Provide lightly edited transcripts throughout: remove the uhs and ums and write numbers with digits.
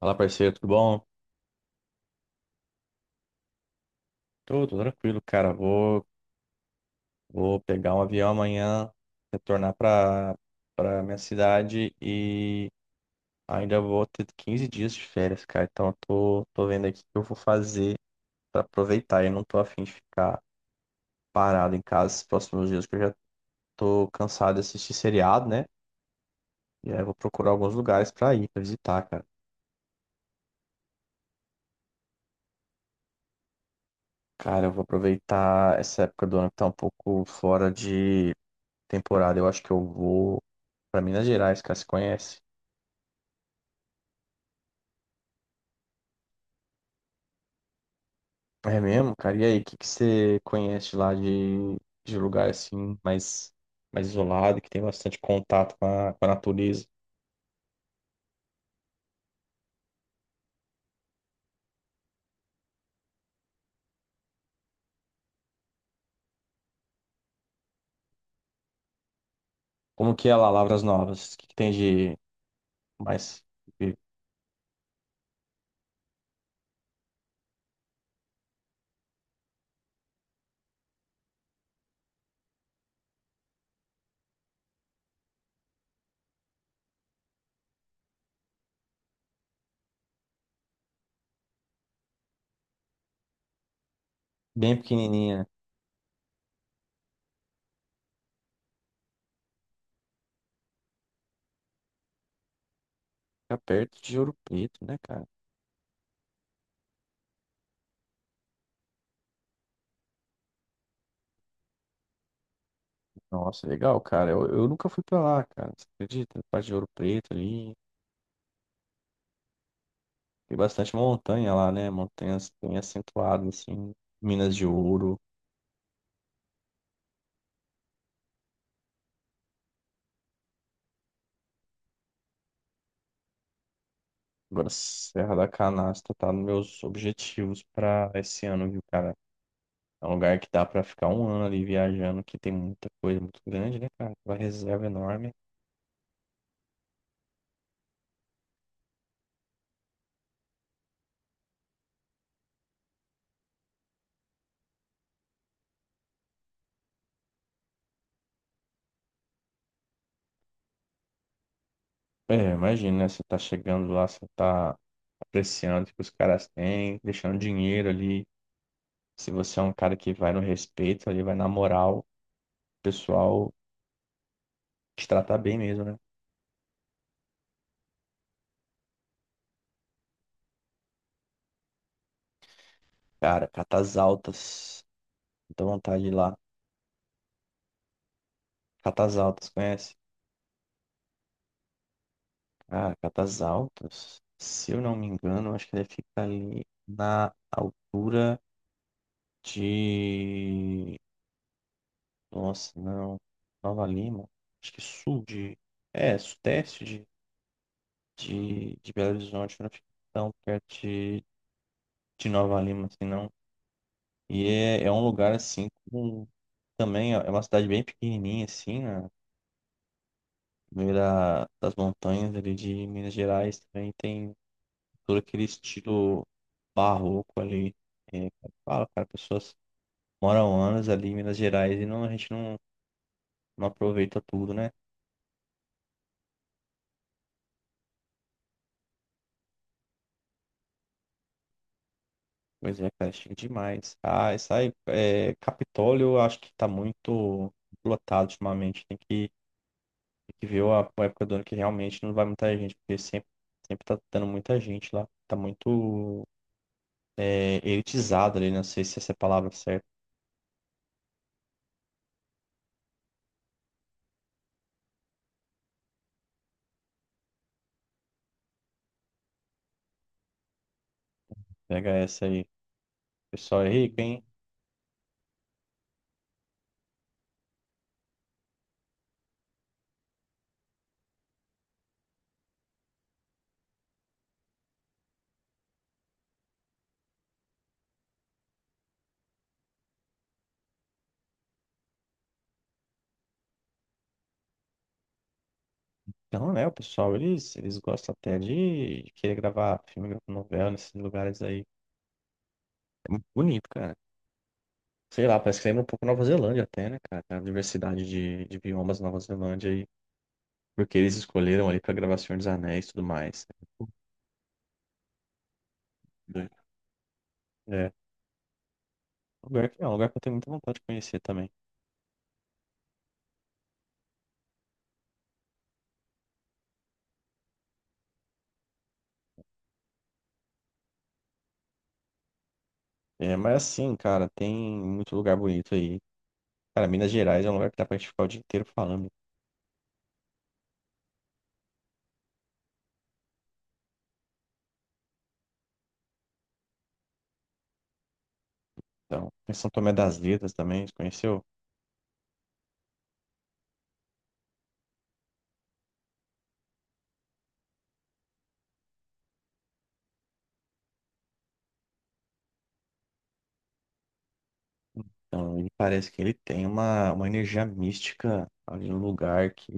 Fala, parceiro, tudo bom? Tudo tranquilo, cara. Vou pegar um avião amanhã, retornar para minha cidade e ainda vou ter 15 dias de férias, cara. Então, eu tô vendo aqui o que eu vou fazer para aproveitar. Eu não tô afim de ficar parado em casa esses próximos dias, porque eu já tô cansado de assistir seriado, né? E aí eu vou procurar alguns lugares para ir, para visitar, cara. Cara, eu vou aproveitar essa época do ano que tá um pouco fora de temporada. Eu acho que eu vou. Pra Minas Gerais, cara, você conhece? É mesmo, cara? E aí, o que que você conhece lá de lugar assim, mais isolado, que tem bastante contato com a natureza? Como que é lá, Lavras Novas? O que que tem de mais de- bem pequenininha? Fica perto de Ouro Preto, né, cara? Nossa, legal, cara. Eu nunca fui pra lá, cara. Você acredita? Parte de Ouro Preto ali. Tem bastante montanha lá, né? Montanhas bem acentuadas, assim. Minas de Ouro. Agora, Serra da Canastra tá nos meus objetivos para esse ano, viu, cara? É um lugar que dá para ficar um ano ali viajando, que tem muita coisa muito grande, né, cara? Uma reserva enorme. É, imagina, né? Você tá chegando lá, você tá apreciando o que os caras têm, deixando dinheiro ali. Se você é um cara que vai no respeito ali, vai na moral, o pessoal te trata bem mesmo, né? Cara, Catas Altas, dá vontade de ir lá. Catas Altas, conhece? Ah, Catas Altas. Se eu não me engano, acho que ele fica ali na altura de. Nossa, não. Nova Lima. Acho que sul de. É, sudeste de Belo Horizonte. Não fica tão perto de Nova Lima, assim, não. E é um lugar, assim, com. Também é uma cidade bem pequenininha, assim, na no meio das montanhas ali de Minas Gerais. Também tem. Todo aquele estilo barroco ali. É, fala, cara, pessoas moram anos ali em Minas Gerais e não, a gente não aproveita tudo, né? Pois é, cara, chique demais. Ah, isso aí, é, Capitólio, eu acho que tá muito lotado ultimamente. Tem que ver a época do ano que realmente não vai muita gente, porque sempre tá dando muita gente lá. Tá muito é, elitizado ali, não sei se essa é a palavra certa. Pega essa aí. O pessoal é rico, hein? Então, né, o pessoal, eles gostam até de querer gravar filme, gravar novela nesses lugares aí. É muito bonito, cara. Sei lá, parece que lembra um pouco Nova Zelândia até, né, cara? A diversidade de biomas da Nova Zelândia aí porque eles escolheram ali pra gravar Senhor dos Anéis e tudo mais. É, é é um lugar que eu tenho muita vontade de conhecer também. É, mas assim, cara, tem muito lugar bonito aí. Cara, Minas Gerais é um lugar que dá pra gente ficar o dia inteiro falando. Então, tem São Tomé das Letras também, você conheceu? Então, ele parece que ele tem uma energia mística ali no lugar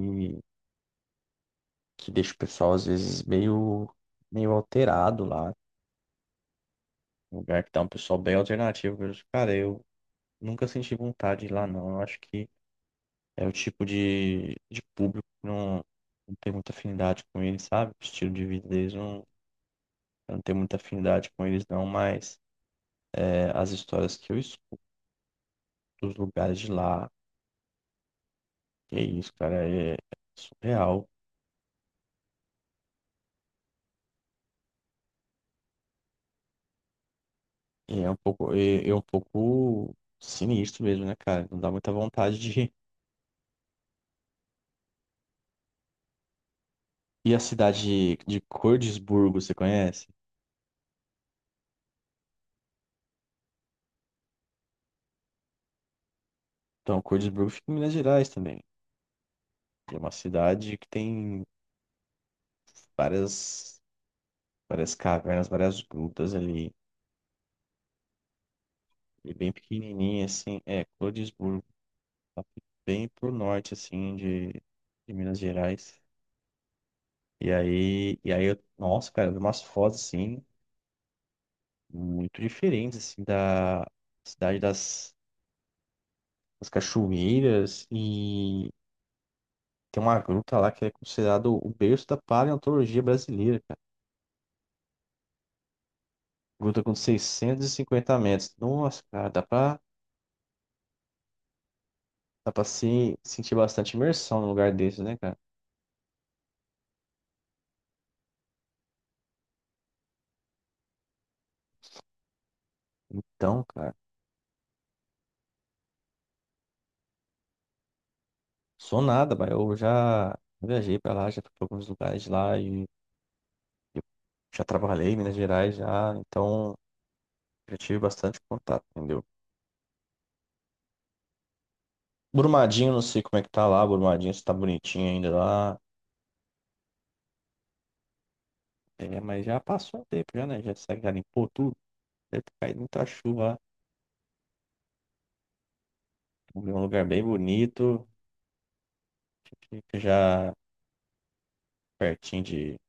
que deixa o pessoal, às vezes, meio alterado lá. Um lugar que tá um pessoal bem alternativo. Eu, cara, eu nunca senti vontade de ir lá, não. Eu acho que é o tipo de público que não tem muita afinidade com eles, sabe? O estilo de vida deles não, eu não tem muita afinidade com eles, não. Mas é, as histórias que eu escuto dos lugares de lá, que é isso, cara, é surreal. E é um pouco sinistro mesmo, né, cara? Não dá muita vontade de. E a cidade de Cordisburgo, você conhece? Então, Cordisburgo fica em Minas Gerais também. É uma cidade que tem várias, várias cavernas, várias grutas ali. E bem pequenininha, assim. É, Cordisburgo. Tá bem pro norte, assim, de Minas Gerais. E aí eu, nossa, cara, eu vi umas fotos, assim, muito diferentes, assim, da cidade das as cachoeiras e tem uma gruta lá que é considerado o berço da paleontologia brasileira, cara. Gruta com 650 metros. Nossa, cara, dá pra se sentir bastante imersão num lugar desse, né, cara? Então, cara, sou nada, mas eu já viajei pra lá, já fui pra alguns lugares de lá e eu já trabalhei em Minas Gerais já, então já tive bastante contato, entendeu? Brumadinho, não sei como é que tá lá, Brumadinho, se tá bonitinho ainda lá. É, mas já passou um tempo já, né? Já limpou tudo. Deve ter caído muita chuva lá. Vamos um lugar bem bonito. Fica já pertinho de,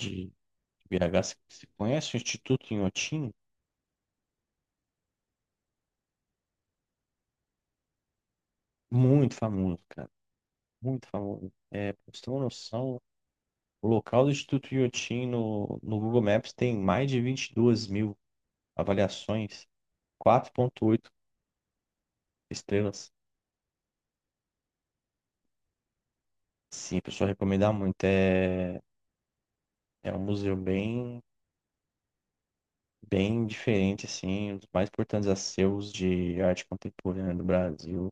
de BH. Você conhece o Instituto Inhotim? Muito famoso, cara. Muito famoso. É, pra você ter uma noção, o local do Instituto Inhotim no Google Maps tem mais de 22 mil avaliações, 4,8 estrelas. Sim, pessoal, recomendar muito. É um museu bem diferente, assim, um dos mais importantes acervos de arte contemporânea do Brasil.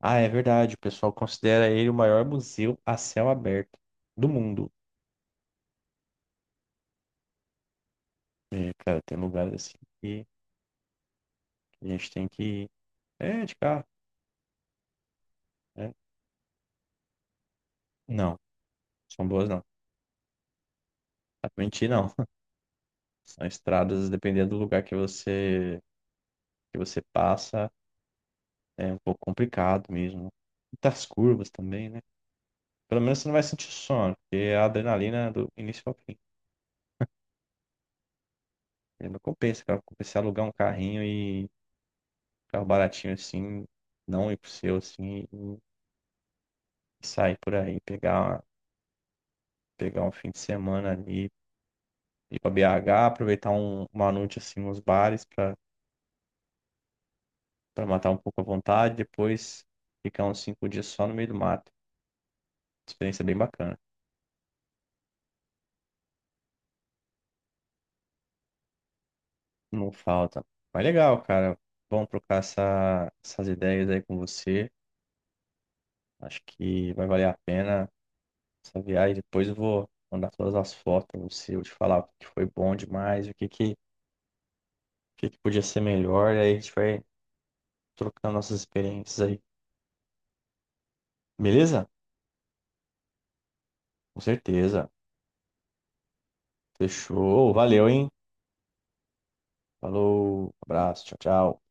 Ah, é verdade. O pessoal considera ele o maior museu a céu aberto do mundo. E, cara, tem lugares assim que a gente tem que. É, de carro. Né? Não, são boas não. Dá pra mentir, não. São estradas, dependendo do lugar que você passa, é um pouco complicado mesmo. Muitas curvas também, né? Pelo menos você não vai sentir sono, porque é a adrenalina é do início ao fim. E não compensa, cara. Compensa alugar um carrinho e um carro baratinho assim, não ir pro seu assim. Sair por aí, pegar um fim de semana ali, ir pra BH, aproveitar uma noite assim nos bares pra para matar um pouco a vontade, depois ficar uns 5 dias só no meio do mato. Experiência bem bacana. Não falta. Mas legal, cara. Bom trocar essas ideias aí com você. Acho que vai valer a pena essa viagem. Depois eu vou mandar todas as fotos pra você, vou te falar o que foi bom demais, o que que podia ser melhor. E aí a gente vai trocando nossas experiências aí. Beleza? Com certeza. Fechou. Valeu, hein? Falou. Abraço. Tchau, tchau.